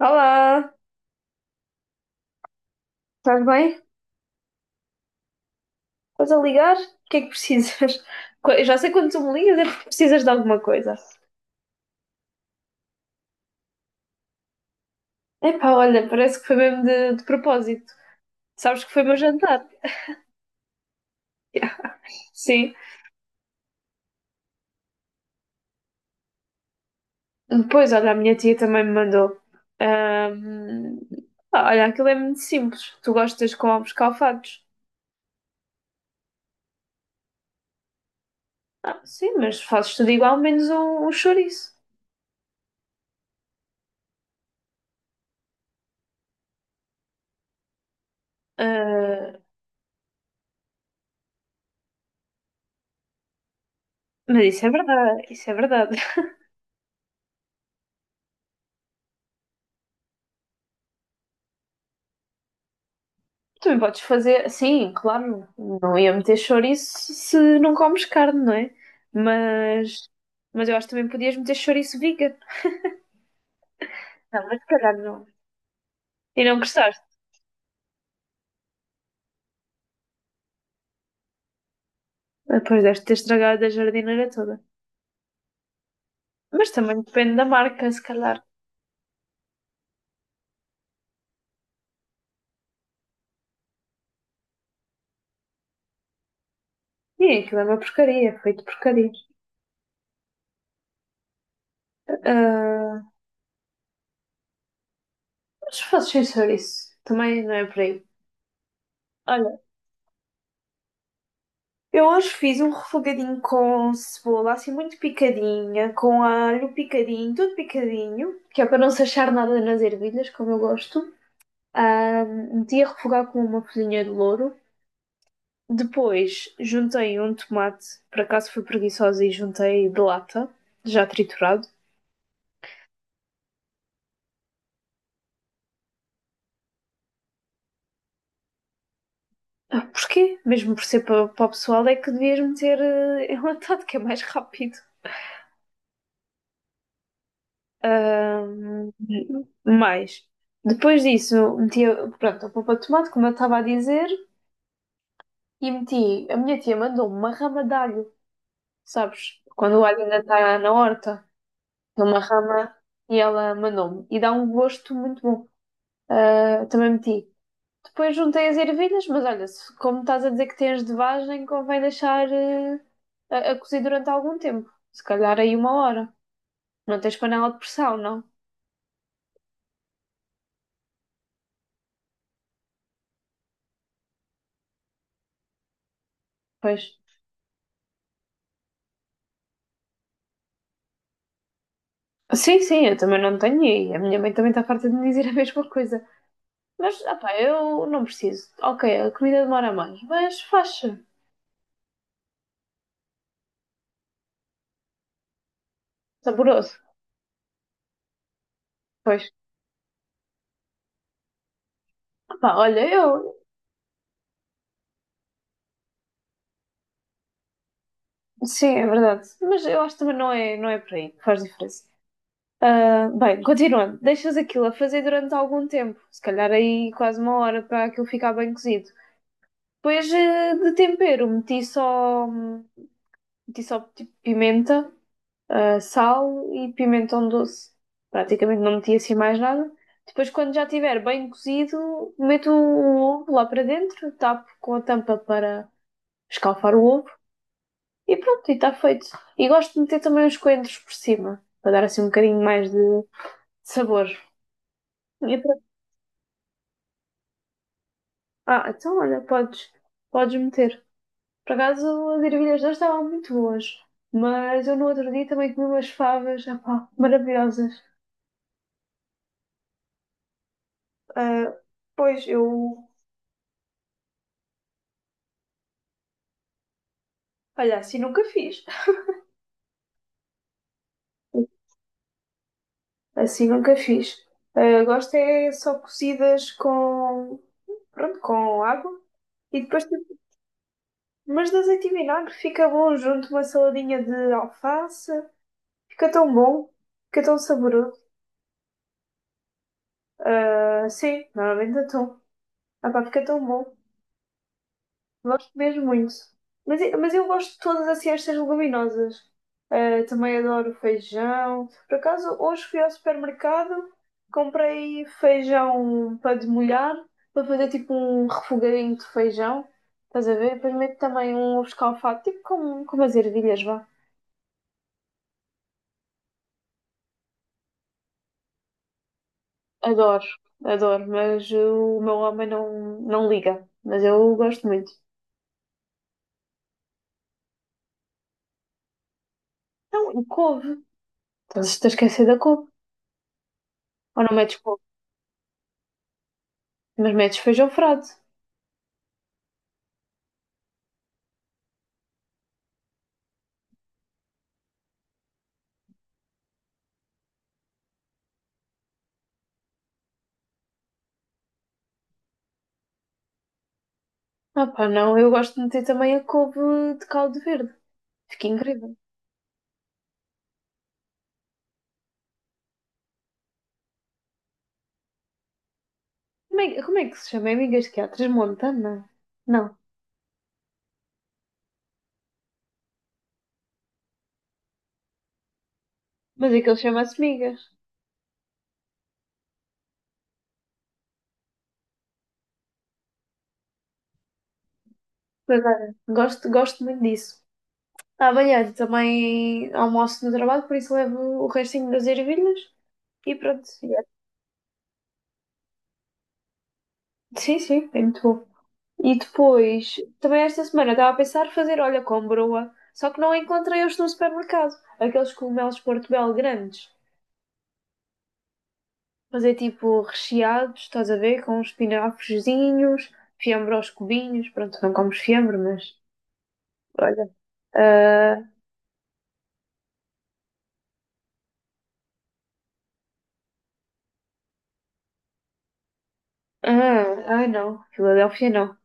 Olá, estás bem? Estás a ligar? O que é que precisas? Eu já sei quando tu me ligas é porque precisas de alguma coisa. Epá, olha, parece que foi mesmo de propósito. Sabes que foi o meu jantar. Yeah. Sim. Depois, olha, a minha tia também me mandou. Ahm, pá, olha, aquilo é muito simples. Tu gostas com ovos calfados. Ah, sim, mas fazes tudo igual, menos um chouriço. Ah, mas isso é verdade, isso é verdade. Também podes fazer, sim, claro, não ia meter chouriço se não comes carne, não é? Mas, mas eu acho que também podias meter chouriço vegan. Não, mas se calhar não. E não gostaste? Depois deves ter estragado a jardineira toda. Mas também depende da marca, se calhar. E aquilo é uma porcaria, feito porcaria. Ah, mas se fosses sem chouriço, também não é por aí. Olha, eu hoje fiz um refogadinho com cebola, assim muito picadinha, com alho picadinho, tudo picadinho, que é para não se achar nada nas ervilhas, como eu gosto. Ah, meti a refogar com uma folhinha de louro. Depois juntei um tomate, por acaso fui preguiçosa e juntei de lata, já triturado. Ah, porquê? Mesmo por ser para o pessoal, é que devias meter enlatado, que é mais rápido. Mas mais. Depois disso, pronto, a polpa de tomate, como eu estava a dizer, e meti. A minha tia mandou-me uma rama de alho, sabes? Quando o alho ainda está na horta, é uma rama e ela mandou-me. E dá um gosto muito bom. Ah, também meti. Depois juntei as ervilhas, mas olha, se, como estás a dizer que tens de vagem, convém deixar a cozer durante algum tempo. Se calhar aí uma hora. Não tens panela de pressão, não? Pois. Sim, sim, eu também não tenho e a minha mãe também está farta de me dizer a mesma coisa. Mas, ah pá, eu não preciso. Ok, a comida demora mais, mas faz-se. Saboroso. Pois. Ah pá, olha, eu... Sim, é verdade. Mas eu acho que também não é por aí que faz diferença. Ah, bem, continuando. Deixas aquilo a fazer durante algum tempo. Se calhar aí quase uma hora para aquilo ficar bem cozido. Depois de tempero, meti só... Meti só tipo pimenta, sal e pimentão doce. Praticamente não meti assim mais nada. Depois, quando já estiver bem cozido, meto o ovo lá para dentro, tapo com a tampa para escalfar o ovo e pronto, e está feito. E gosto de meter também os coentros por cima, para dar assim um bocadinho mais de sabor. E por- Ah, então olha, podes, podes meter. Por acaso as ervilhas não estavam muito boas, mas eu no outro dia também comi umas favas, ah pá, maravilhosas. Ah, pois, eu Olha, assim nunca fiz. Assim nunca fiz. Ah, gosto é só cozidas com, pronto, com água e depois, tipo, mas de azeite e vinagre fica bom junto uma saladinha de alface. Fica tão bom, fica tão saboroso. Ah, sim, normalmente atum. Ah, pá, fica tão bom. Gosto mesmo muito. Mas eu gosto de todas assim, estas leguminosas. Eh, também adoro feijão. Por acaso, hoje fui ao supermercado, comprei feijão para demolhar, para fazer tipo um refogadinho de feijão. Estás a ver? Depois meto também um ovo escalfado, tipo como as ervilhas, vá. Adoro, adoro, mas o meu homem não liga. Mas eu gosto muito. Não, e couve. Estás a esquecer da couve. Ou não metes couve, mas metes feijão frade. Ah pá, não, eu gosto de meter também a couve de caldo verde. Fica incrível. Como é que se chama? É migas que há? Transmontana? Não, mas aquilo chama-se migas. Mas olha, gosto, gosto muito disso. Ah, amanhã também almoço no trabalho, por isso levo o restinho das ervilhas e pronto. Sim, sim, é muito bom. E depois, também esta semana estava a pensar fazer, olha, com broa, só que não encontrei hoje no supermercado. Aqueles cogumelos Portobello grandes. Fazer tipo recheados, estás a ver? Com uns espinafrezinhos, fiambre aos cubinhos. Pronto, não comes fiambre, mas olha. ah, ai não, Filadélfia não.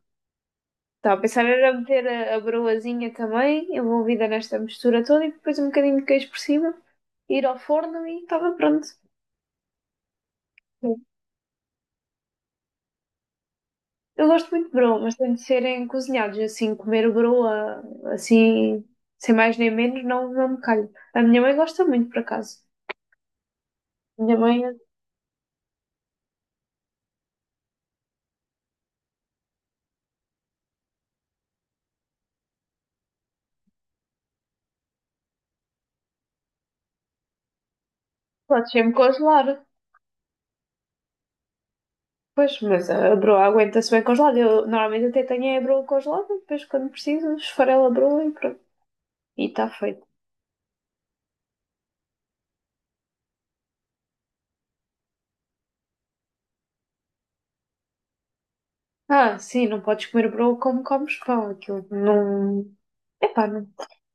Estava a pensar era meter a broazinha também, envolvida nesta mistura toda, e depois um bocadinho de queijo por cima, ir ao forno e estava pronto. Sim. Eu gosto muito de broa, mas tem de serem cozinhados, assim, comer broa, assim, sem mais nem menos, não me calho. A minha mãe gosta muito, por acaso. A minha mãe pode sempre congelar. Pois, mas a broa aguenta-se bem congelada. Eu normalmente até tenho a broa congelada, depois quando preciso, esfarela a broa e pronto. E está feito. Ah, sim, não podes comer broa como comes pão. Aquilo não. Epá, não.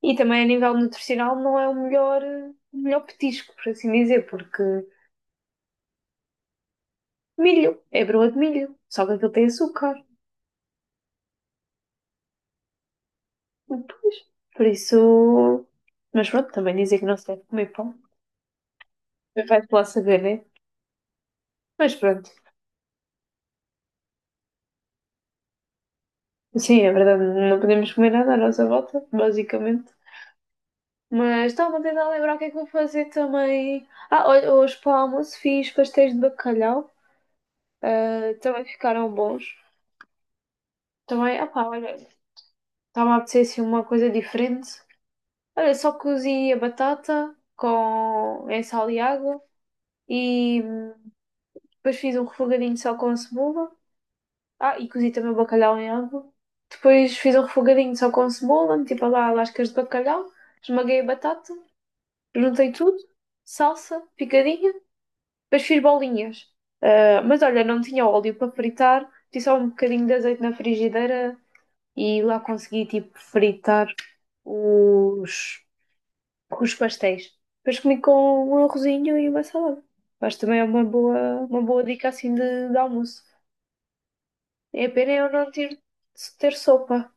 E também a nível nutricional não é o melhor, o melhor petisco, por assim dizer, porque milho, é broa de milho, só que aquilo tem açúcar. Pois, por isso. Mas pronto, também dizer que não se deve comer pão. Vai-te lá saber, né? Mas pronto. Sim, é verdade, não podemos comer nada à nossa volta, basicamente. Mas estava a tentar lembrar o que é que vou fazer também. Ah, olha, hoje para o almoço fiz pastéis de bacalhau. Ah, também ficaram bons. Também, ah pá, olha, estava a apetecer assim uma coisa diferente. Olha, só cozi a batata com em sal e água e depois fiz um refogadinho só com cebola. Ah, e cozi também o bacalhau em água. Depois fiz um refogadinho só com cebola, meti para lá lascas de bacalhau, esmaguei a batata, juntei tudo, salsa, picadinho. Depois fiz bolinhas. Ah, mas olha, não tinha óleo para fritar, tinha só um bocadinho de azeite na frigideira e lá consegui tipo fritar os, os pastéis. Depois comi com um arrozinho e uma salada. Mas também é uma boa dica assim de almoço. É pena eu não ter, ter sopa.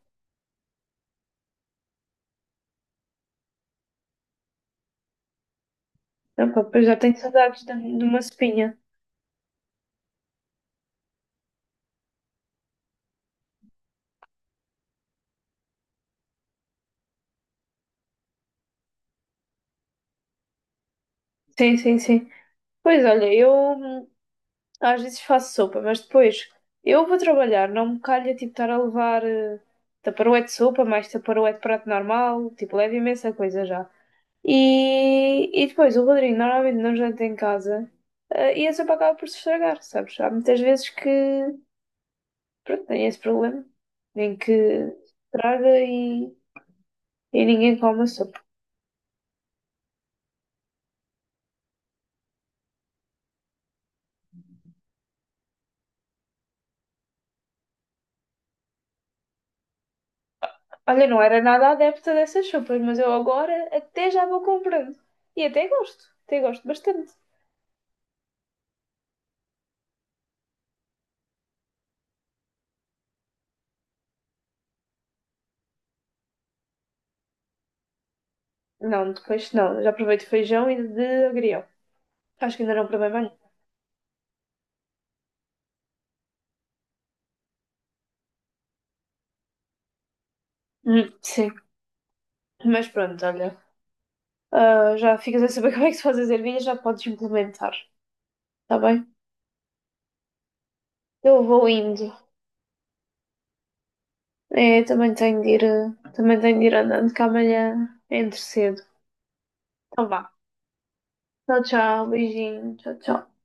Não, pá, pois já tenho saudades de uma sopinha. Sim, sim, sim. Pois olha, eu às vezes faço sopa, mas depois eu vou trabalhar, não me calha tipo estar a levar taparoé de sopa, mais taparoé de prato normal, tipo, leva imensa coisa já. E depois o Rodrigo normalmente não janta em casa, e a sopa acaba por se estragar, sabes? Há muitas vezes que, pronto, tem esse problema, em que estraga e ninguém come a sopa. Olha, não era nada adepta dessas sopas, mas eu agora até já vou comprando. E até gosto bastante. Não, depois não. Eu já provei de feijão e de agrião. Acho que ainda não provei bem. Sim. Mas pronto, olha. Ah, já ficas a saber como é que se faz as ervilhas, já podes implementar, está bem? Eu vou indo. É, também tenho de ir, também tenho de ir andando, que amanhã é entre cedo. Então vá. Tchau, tchau. Beijinho. Tchau, tchau.